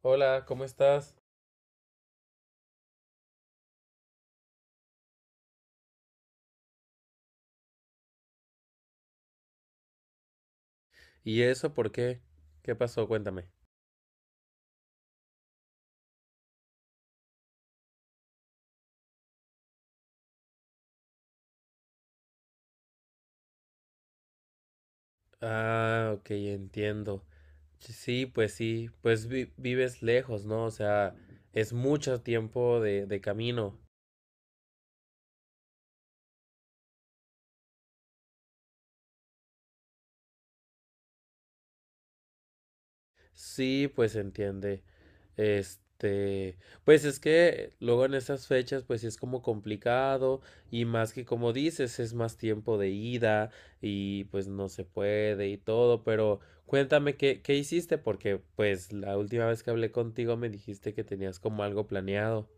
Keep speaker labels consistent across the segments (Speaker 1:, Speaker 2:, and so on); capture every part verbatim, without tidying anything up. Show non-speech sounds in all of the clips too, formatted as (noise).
Speaker 1: Hola, ¿cómo estás? ¿Y eso por qué? ¿Qué pasó? Cuéntame. Ah, ok, entiendo. Sí, pues sí, pues vi- vives lejos, ¿no? O sea, es mucho tiempo de, de camino. Sí, pues entiende. Este, pues es que luego en esas fechas, pues sí es como complicado y más que como dices, es más tiempo de ida y pues no se puede y todo, pero cuéntame qué, qué hiciste porque pues la última vez que hablé contigo me dijiste que tenías como algo planeado.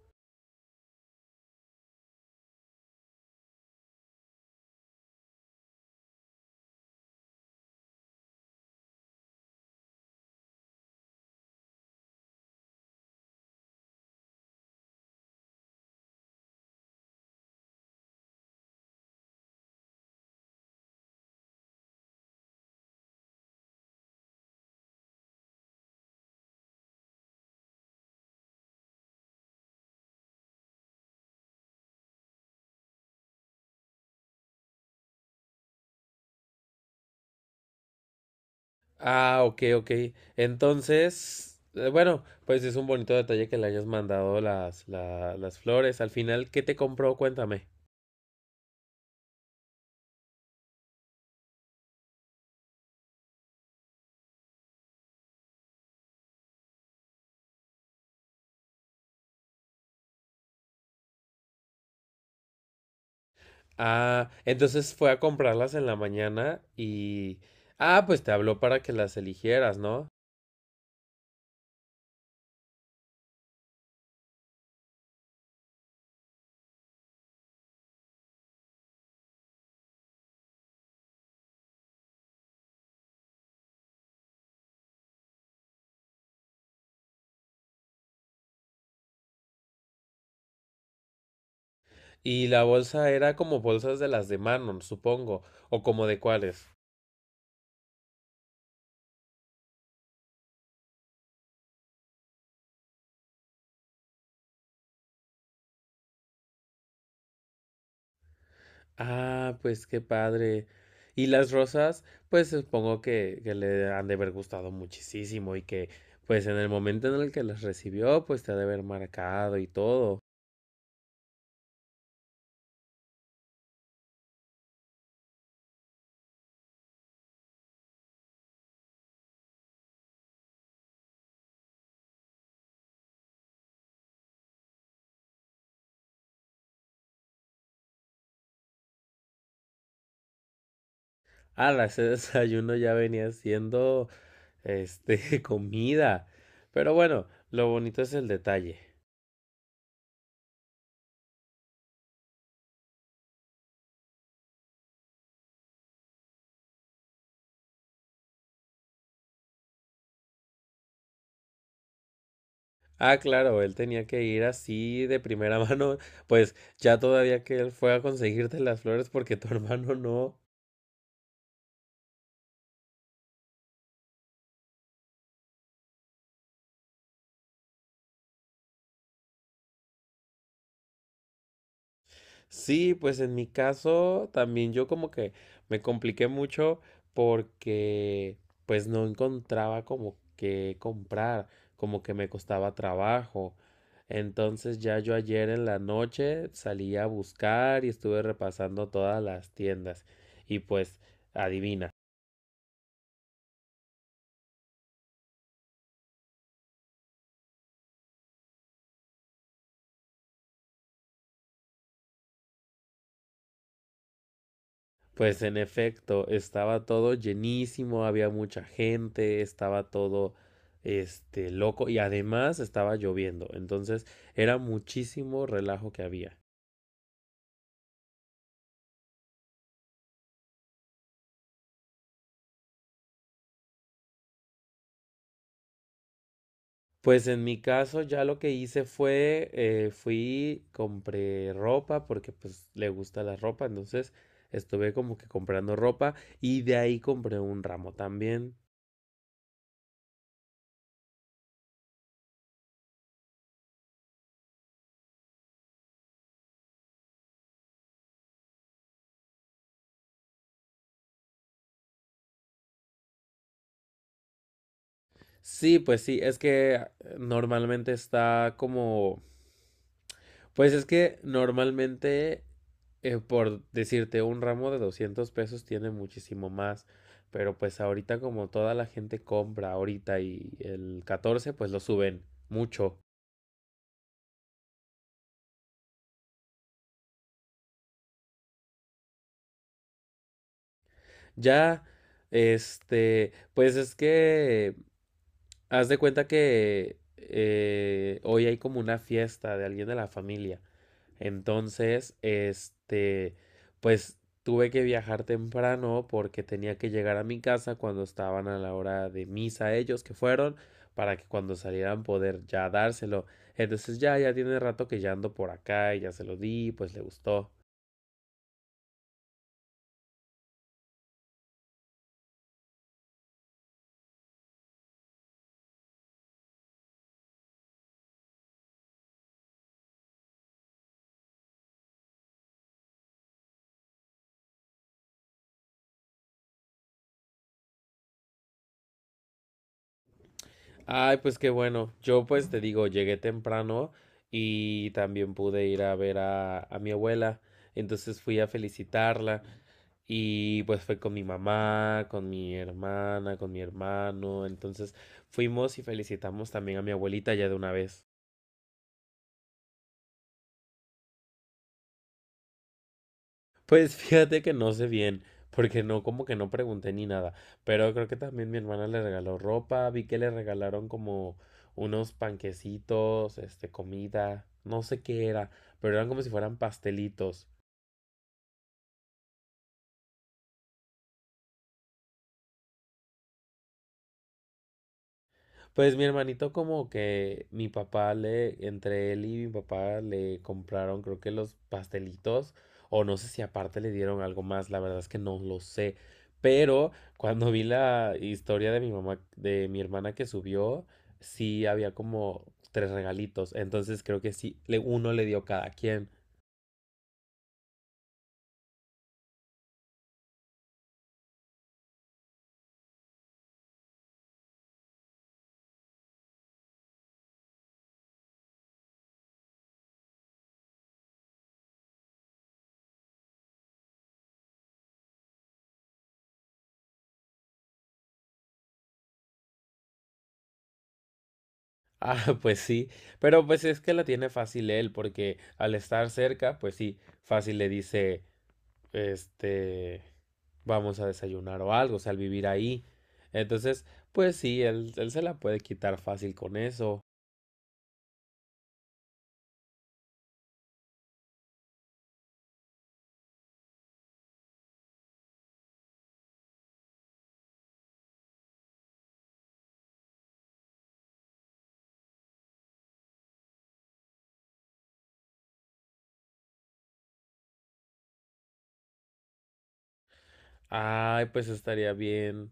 Speaker 1: Ah, ok, ok. Entonces, eh, bueno, pues es un bonito detalle que le hayas mandado las, la- las flores. Al final, ¿qué te compró? Cuéntame. Ah, ¿entonces fue a comprarlas en la mañana y...? Ah, pues te habló para que las eligieras, ¿no? Y la bolsa era como bolsas de las de Manon, supongo, o como de cuáles. Ah, pues qué padre. Y las rosas, pues supongo que, que le han de haber gustado muchísimo y que, pues en el momento en el que las recibió, pues te ha de haber marcado y todo. Ah, ese (laughs) desayuno ya venía siendo, este, (laughs) comida. Pero bueno, lo bonito es el detalle. Ah, claro, él tenía que ir así de primera (laughs) mano, pues ya todavía que él fue a conseguirte las flores porque tu (laughs) hermano no. Sí, pues en mi caso también yo como que me compliqué mucho porque pues no encontraba como que comprar, como que me costaba trabajo. Entonces ya yo ayer en la noche salí a buscar y estuve repasando todas las tiendas y pues adivina. Pues en efecto, estaba todo llenísimo, había mucha gente, estaba todo este loco y además estaba lloviendo, entonces era muchísimo relajo que había. Pues en mi caso ya lo que hice fue, eh, fui, compré ropa porque pues le gusta la ropa, entonces estuve como que comprando ropa y de ahí compré un ramo también. Sí, pues sí, es que eh, normalmente está como pues es que normalmente, eh, por decirte, un ramo de doscientos pesos tiene muchísimo más, pero pues ahorita como toda la gente compra ahorita y el catorce pues lo suben mucho. Ya, este, pues es que, haz de cuenta que eh, hoy hay como una fiesta de alguien de la familia. Entonces, este, pues tuve que viajar temprano porque tenía que llegar a mi casa cuando estaban a la hora de misa ellos que fueron para que cuando salieran poder ya dárselo. Entonces ya, ya tiene rato que ya ando por acá y ya se lo di, pues le gustó. Ay, pues qué bueno. Yo pues te digo, llegué temprano y también pude ir a ver a, a mi abuela. Entonces fui a felicitarla y pues fue con mi mamá, con mi hermana, con mi hermano. Entonces fuimos y felicitamos también a mi abuelita ya de una vez. Pues fíjate que no sé bien, porque no, como que no pregunté ni nada. Pero creo que también mi hermana le regaló ropa. Vi que le regalaron como unos panquecitos, este, comida. No sé qué era, pero eran como si fueran pastelitos. Pues mi hermanito como que mi papá le, entre él y mi papá le compraron creo que los pastelitos o no sé si aparte le dieron algo más, la verdad es que no lo sé, pero cuando vi la historia de mi mamá, de mi hermana que subió, sí había como tres regalitos, entonces creo que sí, le, uno le dio cada quien. Ah, (laughs) pues sí, pero pues es que la tiene fácil él porque al estar cerca, pues sí, fácil le dice, este... vamos a desayunar o algo, o sea, al vivir ahí. Entonces, pues sí, él, él se la puede quitar fácil con eso. Ay, pues estaría bien.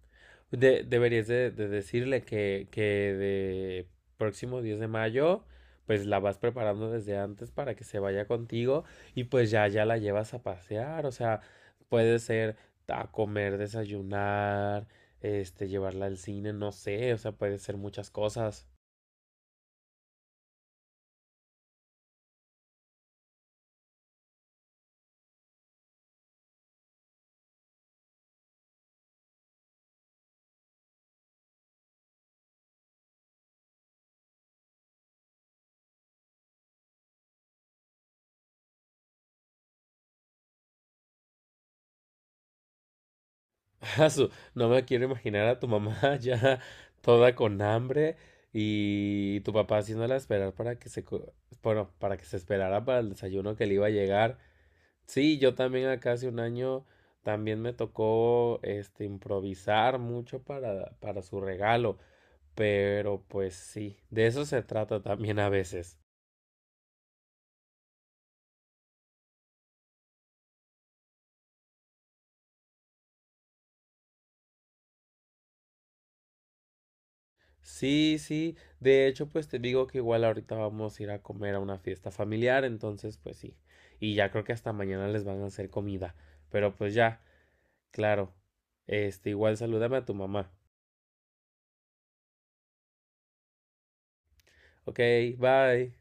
Speaker 1: De- deberías de, de decirle que, que de próximo diez de mayo, pues la vas preparando desde antes para que se vaya contigo y pues ya, ya la llevas a pasear. O sea, puede ser a comer, desayunar, este, llevarla al cine, no sé, o sea, puede ser muchas cosas. (laughs) Asu, no me quiero imaginar a tu mamá (laughs) ya toda con hambre y tu papá haciéndola esperar para que se, co- bueno, para que se esperara para el desayuno que le iba a llegar. Sí, yo también acá hace un año también me tocó este improvisar mucho para, para su regalo, pero pues sí, de eso se trata también a veces. Sí, sí. De hecho, pues te digo que igual ahorita vamos a ir a comer a una fiesta familiar, entonces pues sí. Y ya creo que hasta mañana les van a hacer comida. Pero pues ya, claro. Este, igual salúdame a tu mamá. Ok, bye.